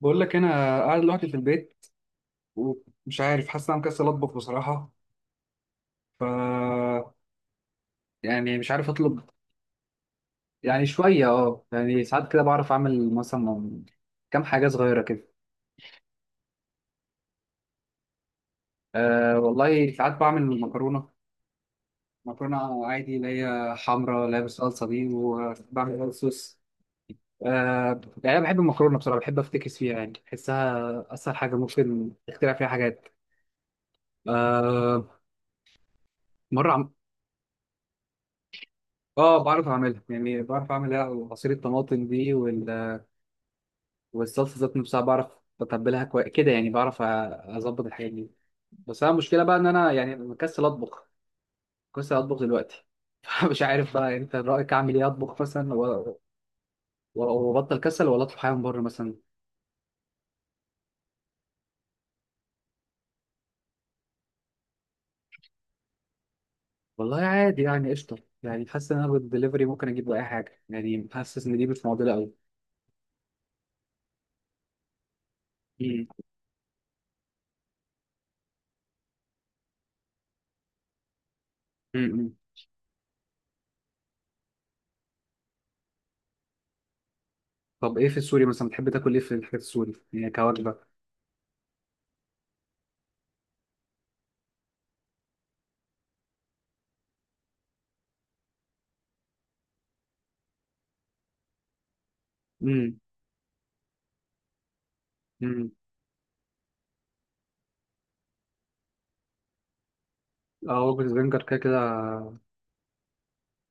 بقول لك انا قاعد لوحدي في البيت، ومش عارف، حاسس ان انا مكسل اطبخ بصراحه. ف يعني مش عارف اطلب. يعني شويه، اه يعني ساعات كده بعرف اعمل مثلا كام حاجه صغيره كده. أه والله ساعات بعمل مكرونه، مكرونه عادي اللي هي حمراء اللي هي بالصلصه دي، وبعمل وايت صوص. أه، يعني انا بحب المكرونه بصراحه، بحب افتكس فيها، يعني بحسها اسهل حاجه ممكن اخترع فيها حاجات. أه. مره. اه بعرف اعملها، يعني بعرف اعمل إيه؟ عصير الطماطم دي والصلصه ذات نفسها بعرف اتبلها كويس كده، يعني بعرف اظبط الحاجات دي. بس انا المشكله بقى ان انا يعني مكسل اطبخ، مكسل اطبخ دلوقتي. فمش عارف بقى، انت رايك اعمل ايه؟ اطبخ مثلا وابطل كسل، ولا اطلب حاجه من بره مثلا؟ والله عادي يعني، قشطه. يعني حاسس ان انا بالدليفري ممكن اجيب اي حاجه، يعني حاسس ان دي مش معضله قوي. مم. مم. طب ايه في السوري مثلا؟ بتحب تاكل ايه في الحاجات السوري يعني كوجبه؟ امم. اه، وجبة برجر كده كده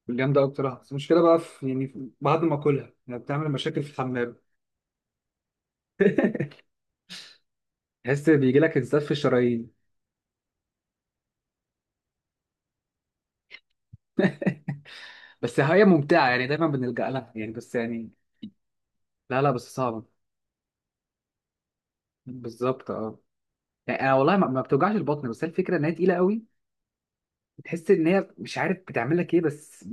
جامدة أوي بصراحة، بس المشكلة بقى في، يعني بعد ما أكلها يعني بتعمل مشاكل في الحمام. تحس بيجي لك انزلاف في الشرايين. بس هي ممتعة يعني، دايما بنلجأ لها يعني، بس يعني لا لا بس صعبة. بالظبط، اه. يعني أنا والله ما بتوجعش البطن، بس هي الفكرة إن هي تقيلة قوي. بتحس إن هي مش عارف بتعمل لك إيه بس.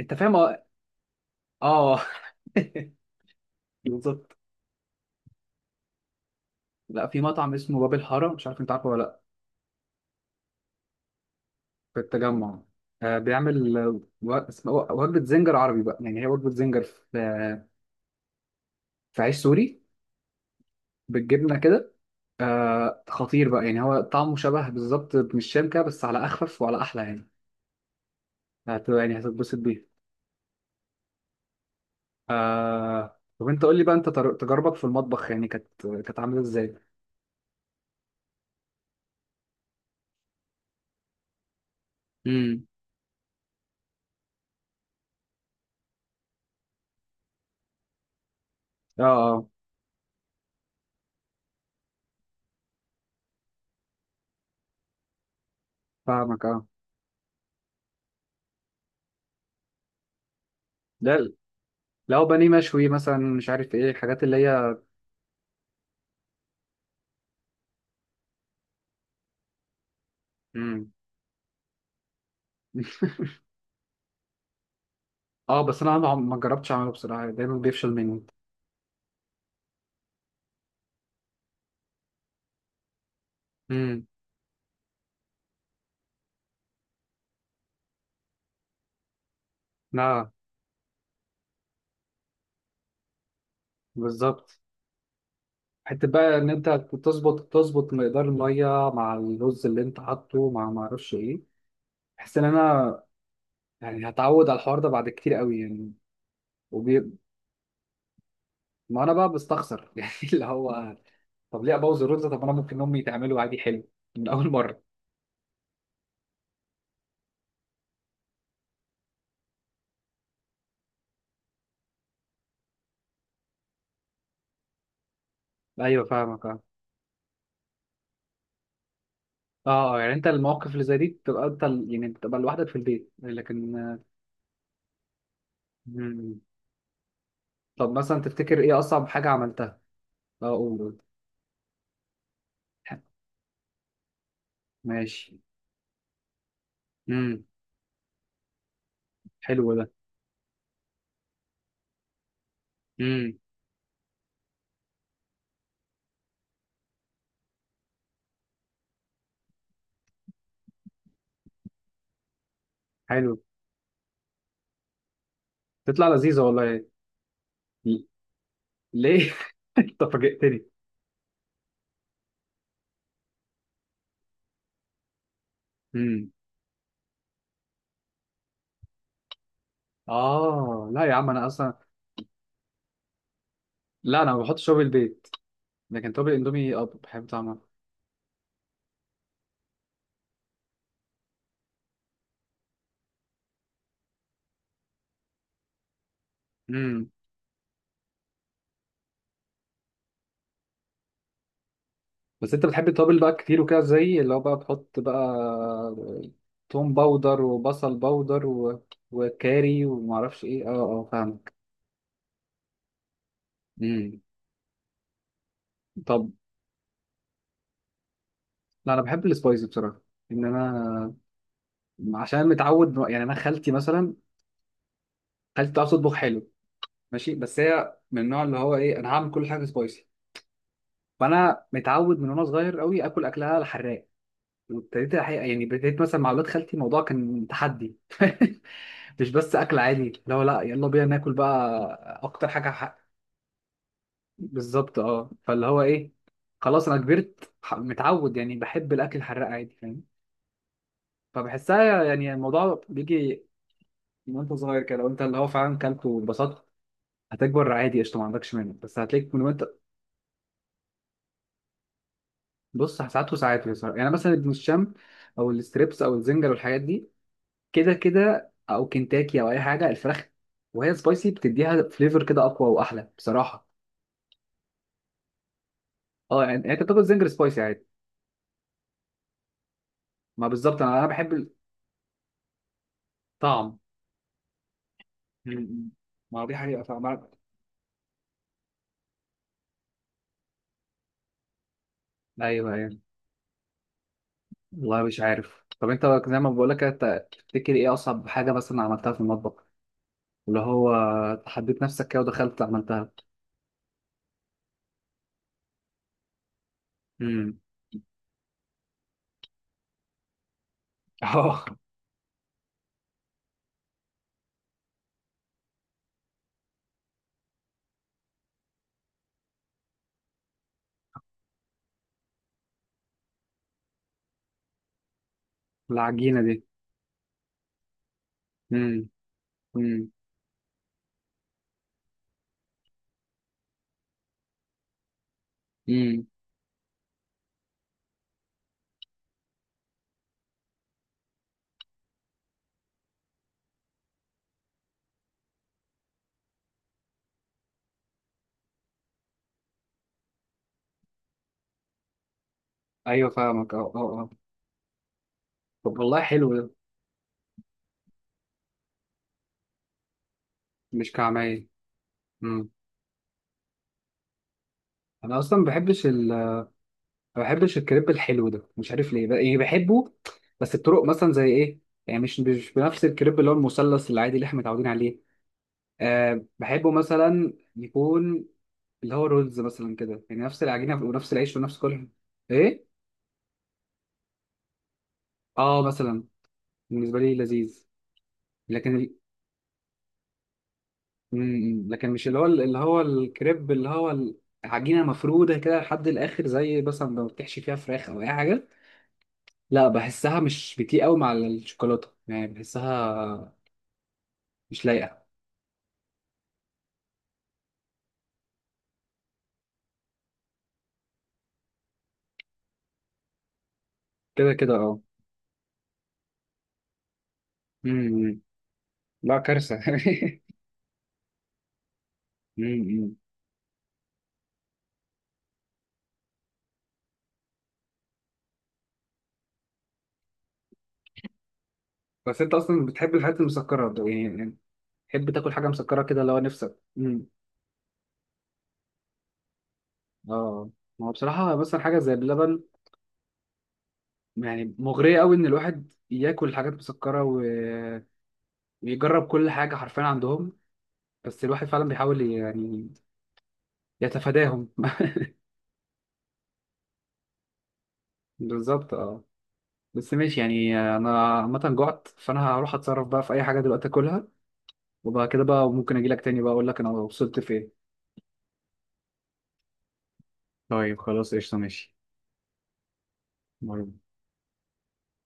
أنت فاهم، اه. آه. بالظبط. لا، في مطعم اسمه باب الحارة، مش عارف أنت عارفه ولا لأ. في التجمع. آه، بيعمل، وجبة زنجر عربي بقى، يعني هي وجبة زنجر في في عيش سوري بالجبنة كده. آه، خطير بقى يعني، هو طعمه شبه بالظبط من الشام كده، بس على أخفف وعلى أحلى يعني. يعني هتتبسط بيه. آه، طب أنت قول لي بقى، أنت تجاربك في المطبخ يعني كانت، كانت عاملة إزاي؟ امم. اه اه فاهمك، اه. لا، لو بانيه مشوي مثلا مش عارف ايه الحاجات اللي هي. امم. اه، بس انا ما جربتش اعمله بصراحه، دايما بيفشل مني. امم. لا. بالظبط. حته بقى ان انت تظبط تظبط مقدار الميه مع الرز اللي انت حاطه، مع ما اعرفش ايه. بحس ان انا يعني هتعود على الحوار ده بعد كتير قوي يعني. وبي... ما انا بقى بستخسر يعني اللي هو، طب ليه ابوظ الرز؟ طب انا ممكن امي تعمله عادي حلو من اول مره. ايوه فاهمك، اه. اه، يعني انت المواقف اللي زي دي بتبقى انت يعني بتبقى لوحدك في البيت، لكن آه. مم. طب مثلا تفتكر ايه اصعب حاجه عملتها؟ اه قول قول. ماشي. امم. حلو ده. امم. حلو، تطلع لذيذة والله. ليه؟ انت فاجئتني. امم. اه لا يا عم، انا اصلا، لا انا ما بحطش توابل البيت، لكن توابل الاندومي اه بحب طعمها. امم. بس انت بتحب التوابل بقى كتير وكده، زي اللي هو بقى بتحط بقى توم باودر وبصل باودر و... وكاري ومعرفش ايه، اه. اه فاهمك. امم. طب. لا انا بحب السبايسي بصراحة، ان انا عشان متعود يعني. انا خالتي مثلا، خالتي بتعرف تطبخ حلو. ماشي، بس هي من النوع اللي هو ايه، انا هعمل كل حاجه سبايسي. فانا متعود من وانا صغير قوي اكل اكلها الحراق. وابتديت الحقيقه يعني، ابتديت مثلا مع اولاد خالتي الموضوع كان تحدي. مش بس اكل عادي، لا لا يلا بينا ناكل بقى اكتر حاجه حق. بالظبط، اه. فاللي هو ايه، خلاص انا كبرت، متعود يعني، بحب الاكل الحراق عادي، فاهم. فبحسها يعني الموضوع بيجي من وانت صغير كده، لو انت اللي هو فعلا كلته واتبسطت هتكبر عادي، قشطه، ما عندكش منه، بس هتلاقيك من وانت. بص ساعات وساعات. يعني مثلا ابن الشام، او الستريبس او الزنجر والحاجات دي، كده كده او كنتاكي او اي حاجه الفراخ، وهي سبايسي بتديها فليفر كده اقوى واحلى بصراحه. اه يعني، يعني انت بتاكل زنجر سبايسي عادي؟ ما بالظبط، انا بحب الطعم. م- ما هو دي حقيقه طعم. ايوه، ايوه. والله مش عارف. طب انت زي ما بقول لك، انت تفتكر ايه اصعب حاجه مثلا عملتها في المطبخ؟ اللي هو حددت نفسك كده ودخلت عملتها. امم. اه. العجينه دي. امم. امم. امم. ايوه فاهمك، اه اه اه. طب والله حلو ده. مش كعمايل. انا اصلا ما بحبش ما بحبش الكريب الحلو ده، مش عارف ليه بقى، يعني بحبه بس بطرق مثلا. زي ايه؟ يعني مش بنفس الكريب اللي هو المثلث العادي اللي احنا متعودين عليه. أه بحبه مثلا يكون اللي هو رولز مثلا كده، يعني نفس العجينه ونفس العيش ونفس كل. ايه. اه مثلا. بالنسبه لي لذيذ. لكن ال... لكن مش اللي هو، اللي هو الكريب اللي هو العجينه مفروده كده لحد الاخر، زي مثلا لو بتحشي فيها فراخ او اي حاجه. لا بحسها مش بتليق قوي مع الشوكولاته يعني، بحسها مش لايقه. كده كده، اه. امم. إمم. لا كارثه. امم. بس انت اصلا بتحب الحاجات المسكره ده يعني، يعني تحب تاكل حاجه مسكره كده لو نفسك؟ امم. اه ما هو بصراحه مثلا حاجه زي اللبن، يعني مغريه قوي ان الواحد ياكل حاجات مسكره و... ويجرب كل حاجه حرفيا عندهم. بس الواحد فعلا بيحاول يعني يتفاداهم. بالظبط، اه. بس ماشي يعني، انا عامه جعت، فانا هروح اتصرف بقى في اي حاجه دلوقتي اكلها، وبعد كده بقى ممكن اجي لك تاني بقى اقول لك انا وصلت فين. طيب خلاص، قشطة، ماشي. باي.